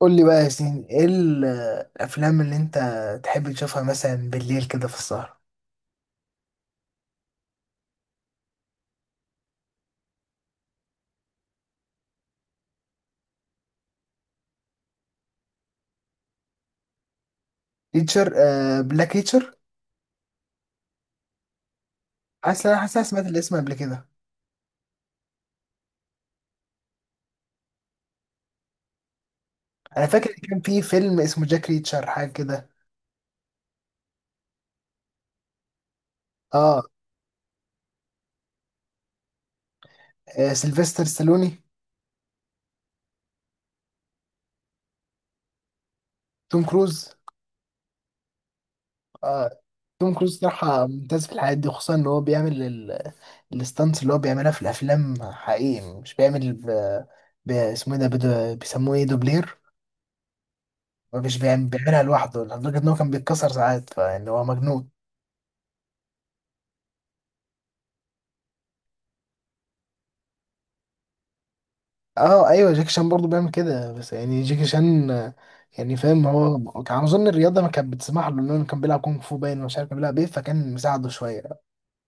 قول لي بقى يا ياسين، ايه الافلام اللي انت تحب تشوفها مثلا بالليل كده في السهرة؟ ريتشر، بلاك ريتشر. حاسس انا سمعت الاسم قبل كده. انا فاكر إن كان في فيلم اسمه جاك ريتشر، حاجه كده. اه، آه، سيلفستر ستالوني. توم كروز. آه. توم كروز صراحه ممتاز في الحاجات دي، خصوصا ان هو بيعمل الستانتس اللي هو بيعملها في الافلام حقيقي. مش بيعمل اسمه ايه ده، بيسموه ايه، دوبلير. مش بيعمل... بيعملها لوحده، لدرجه ان هو كان بيتكسر ساعات، فان هو مجنون. اه ايوه، جاكي شان برضه بيعمل كده، بس يعني جاكي شان يعني فاهم، هو كان اظن الرياضه ما كانت بتسمح له، لانه كان بيلعب كونغ فو، باين مش عارف كان بيلعب ايه، فكان مساعده شويه.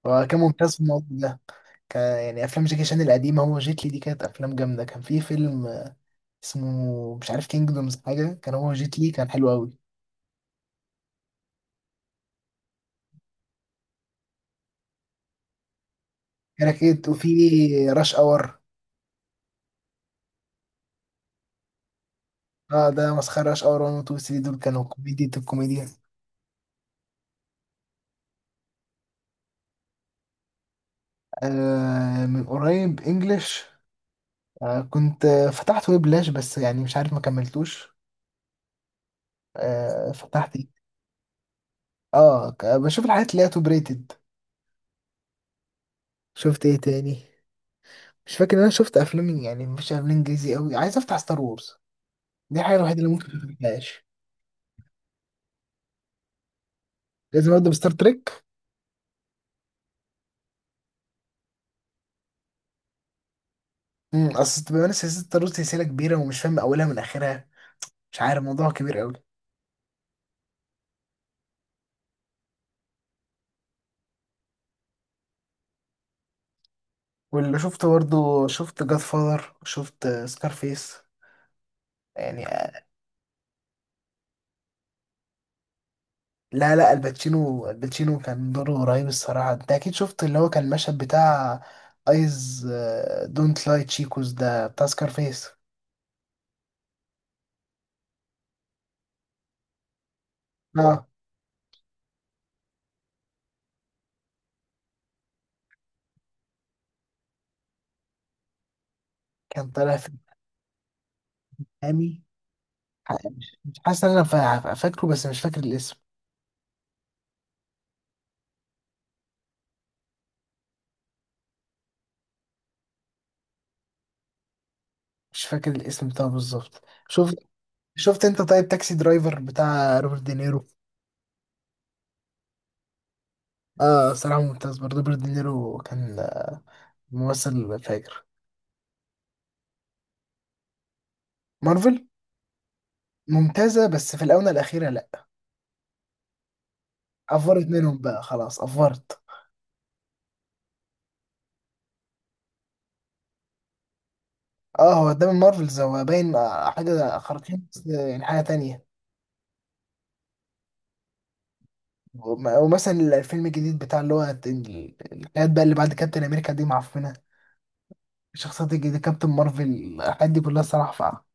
هو كان ممتاز في الموضوع ده. كان يعني افلام جاكي شان القديمه، هو جيت لي، دي كانت افلام جامده. كان في فيلم اسمه مش عارف كينجدومز، حاجه كان هو جيت لي، كان حلو قوي. كراكيت، وفي راش اور. اه ده مسخره، راش اور 1 و 2 و 3 دول كانوا كوميديا، الكوميديا. آه، من قريب انجلش. كنت فتحت ويب لاش، بس يعني مش عارف ما كملتوش. فتحت ايه. اه، بشوف الحاجات اللي هي توب ريتد. شفت ايه تاني؟ مش فاكر ان انا شفت افلام، يعني مش افلام انجليزي قوي. عايز افتح ستار وورز، دي الحاجه الوحيده اللي ممكن ما افتحهاش. لازم ابدا بستار تريك. اصل بما ان سلسله ستار وورز سلسله كبيره، ومش فاهم اولها من اخرها، مش عارف الموضوع كبير قوي. واللي شفته برضه، شفت جاد فاذر، شفت سكارفيس يعني. لا لا، الباتشينو كان دوره رهيب الصراحة. انت اكيد شفت اللي هو كان المشهد بتاع ايز دونت لاي تشيكوز، ده بتاع سكارفيس. اه، كان طالع في محامي. مش مش حاسس ان انا فاكره، بس مش فاكر الاسم. مش فاكر الاسم بتاعه بالظبط. شفت، شفت انت طيب تاكسي درايفر بتاع روبرت دينيرو؟ اه صراحة ممتاز، برضه روبرت دينيرو كان ممثل فاجر. مارفل ممتازة، بس في الآونة الأخيرة لأ. أفورت منهم بقى، خلاص أفورت. اه، هو ده من مارفلز، هو باين حاجة خارقين بس يعني حاجة تانية. ومثلا الفيلم الجديد بتاع اللي هو الحاجات بقى اللي بعد كابتن أمريكا دي معفنة. الشخصيات الجديدة كابتن مارفل، الحاجات دي كلها الصراحة فقعة.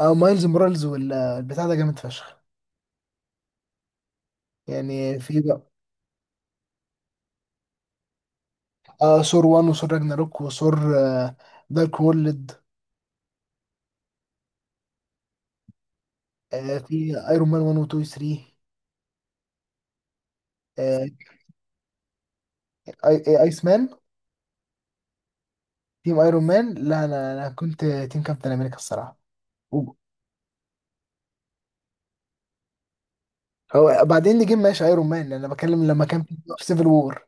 اه مايلز مورالز والبتاع ده جامد فشخ، يعني في بقى اه ثور 1 وثور راجناروك وثور دارك وورلد. آه، في ايرون مان 1 و 2 و 3. آه، اي ايس مان. تيم ايرون مان، لا، انا انا كنت تيم كابتن امريكا الصراحة. هو بعدين نجيب ماشي ايرون مان، انا بتكلم لما كان في في سيفل وور.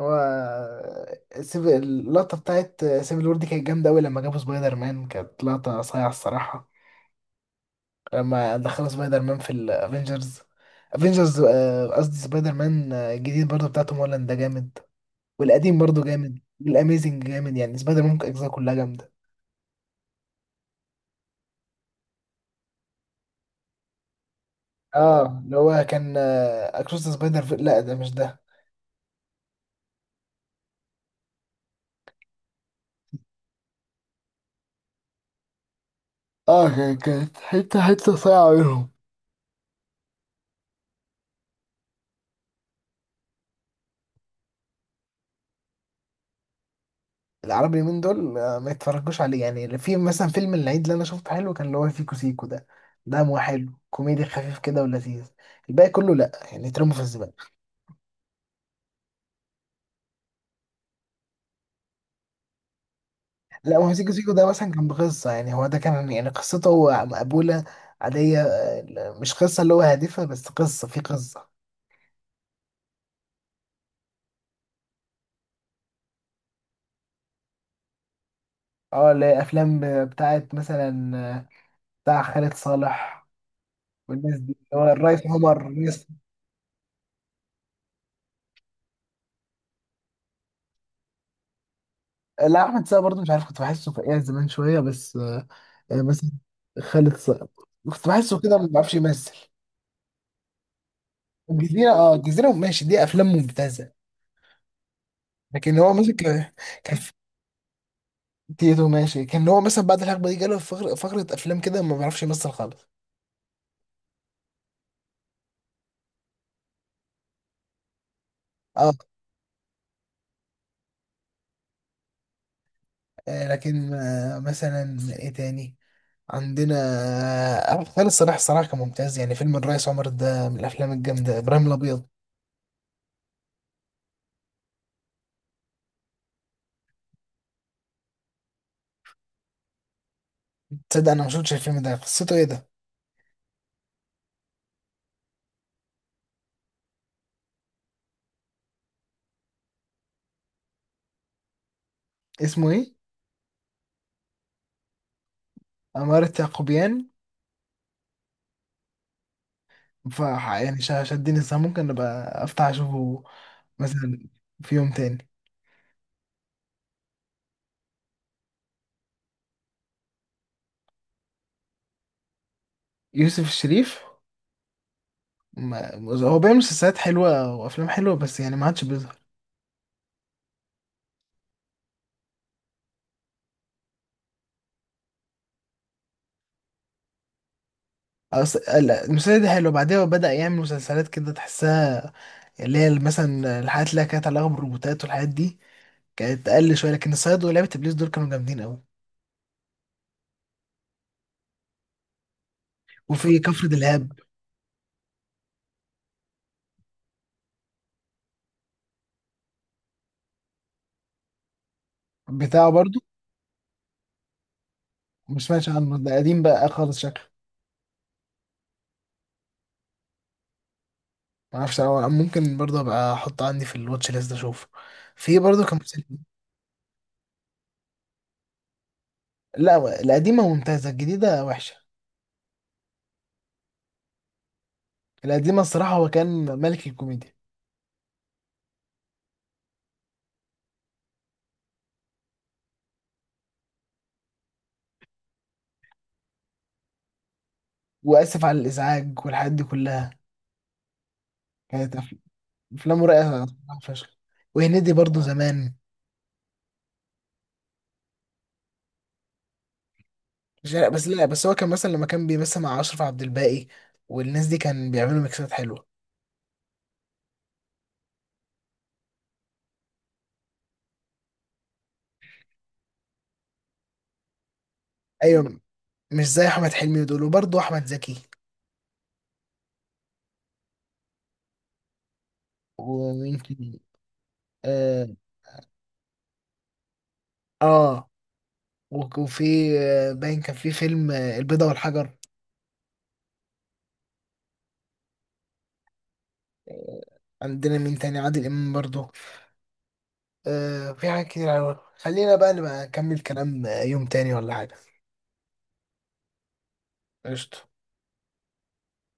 هو سيفل، اللقطه بتاعت سيفل وور دي كانت جامده قوي، لما جابوا سبايدر مان كانت لقطه صايعه الصراحه، لما دخلوا سبايدر مان في الافينجرز، افينجرز، قصدي سبايدر مان الجديد برضه بتاع توم هولاند ده جامد. والقديم برضه جامد، والاميزنج جامد، يعني سبايدر مان اجزاء كلها جامده. اه اللي هو كان اكروس سبايدر في... لا ده مش ده. اه كانت حته حته صايعه منهم. العربي اليومين دول ما يتفرجوش عليه، يعني في مثلا فيلم العيد اللي انا شفته حلو كان، اللي هو سيكو سيكو ده، ده مو حلو، كوميدي خفيف كده ولذيذ. الباقي كله لا، يعني يترموا في الزباله. لا ما هو سيكو سيكو ده مثلا كان بقصه، يعني هو ده كان يعني قصته هو مقبوله عاديه، مش قصه اللي هو هادفه، بس قصه في قصه. اه اللي هي افلام بتاعت مثلا آه، بتاع خالد صالح والناس دي، اللي هو الريس عمر، الريس. لا، احمد السقا برضه مش عارف، كنت بحسه فقيع زمان شويه، بس يعني مثلا خالد صقر، كنت بحسه كده ما بيعرفش يمثل. الجزيرة، اه الجزيرة ماشي، دي أفلام ممتازة، لكن هو مثلا كان، كان في تيتو ماشي، كان هو مثلا بعد الحقبة دي جاله فقرة أفلام كده ما بيعرفش يمثل خالص. اه. لكن مثلا ايه تاني عندنا، خالد صلاح الصراحة كان ممتاز، يعني فيلم الريس عمر ده من الأفلام الجامدة، إبراهيم الأبيض. تصدق أنا ما شفتش الفيلم ده، قصته ايه ده، اسمه ايه؟ عمارة يعقوبيان. ف يعني شدني الصراحة، ممكن أبقى أفتح أشوفه مثلا في يوم تاني. يوسف الشريف، ما هو بيعمل مسلسلات حلوة وأفلام حلوة، بس يعني ما عادش بيظهر. لا، المسلسل ده حلو، بعدها هو بدأ يعمل مسلسلات كده تحسها، اللي هي مثلا الحاجات اللي كانت علاقة بالروبوتات والحاجات دي، كانت أقل شوية، لكن الصياد ولعبة إبليس دول كانوا جامدين أوي. وفي كفر دلهاب بتاعه برضو. ما سمعتش عنه، ده قديم بقى خالص شكله، ما اعرفش، أو ممكن برضه ابقى احطه عندي في الواتش ليست اشوفه. في برضه كان مسلسل. لا، القديمة ممتازة، الجديدة وحشة. القديمة الصراحة هو كان ملك الكوميديا. وآسف على الإزعاج والحاجات دي كلها كانت أفلامه رايقة صراحة فشخ. وهنيدي برضه زمان، مش بس لا، بس هو كان مثلا لما كان بيمثل مع أشرف عبد الباقي والناس دي كان بيعملوا ميكسات حلوة. أيوة، مش زي أحمد حلمي ودول، وبرضه أحمد زكي ومين تاني. آه، آه وفي باين كان في فيلم البيضة والحجر. آه، عندنا مين تاني، عادل إمام برضه. آه، في حاجات كتير أوي، خلينا بقى نبقى نكمل كلام يوم تاني ولا حاجة. قشطة.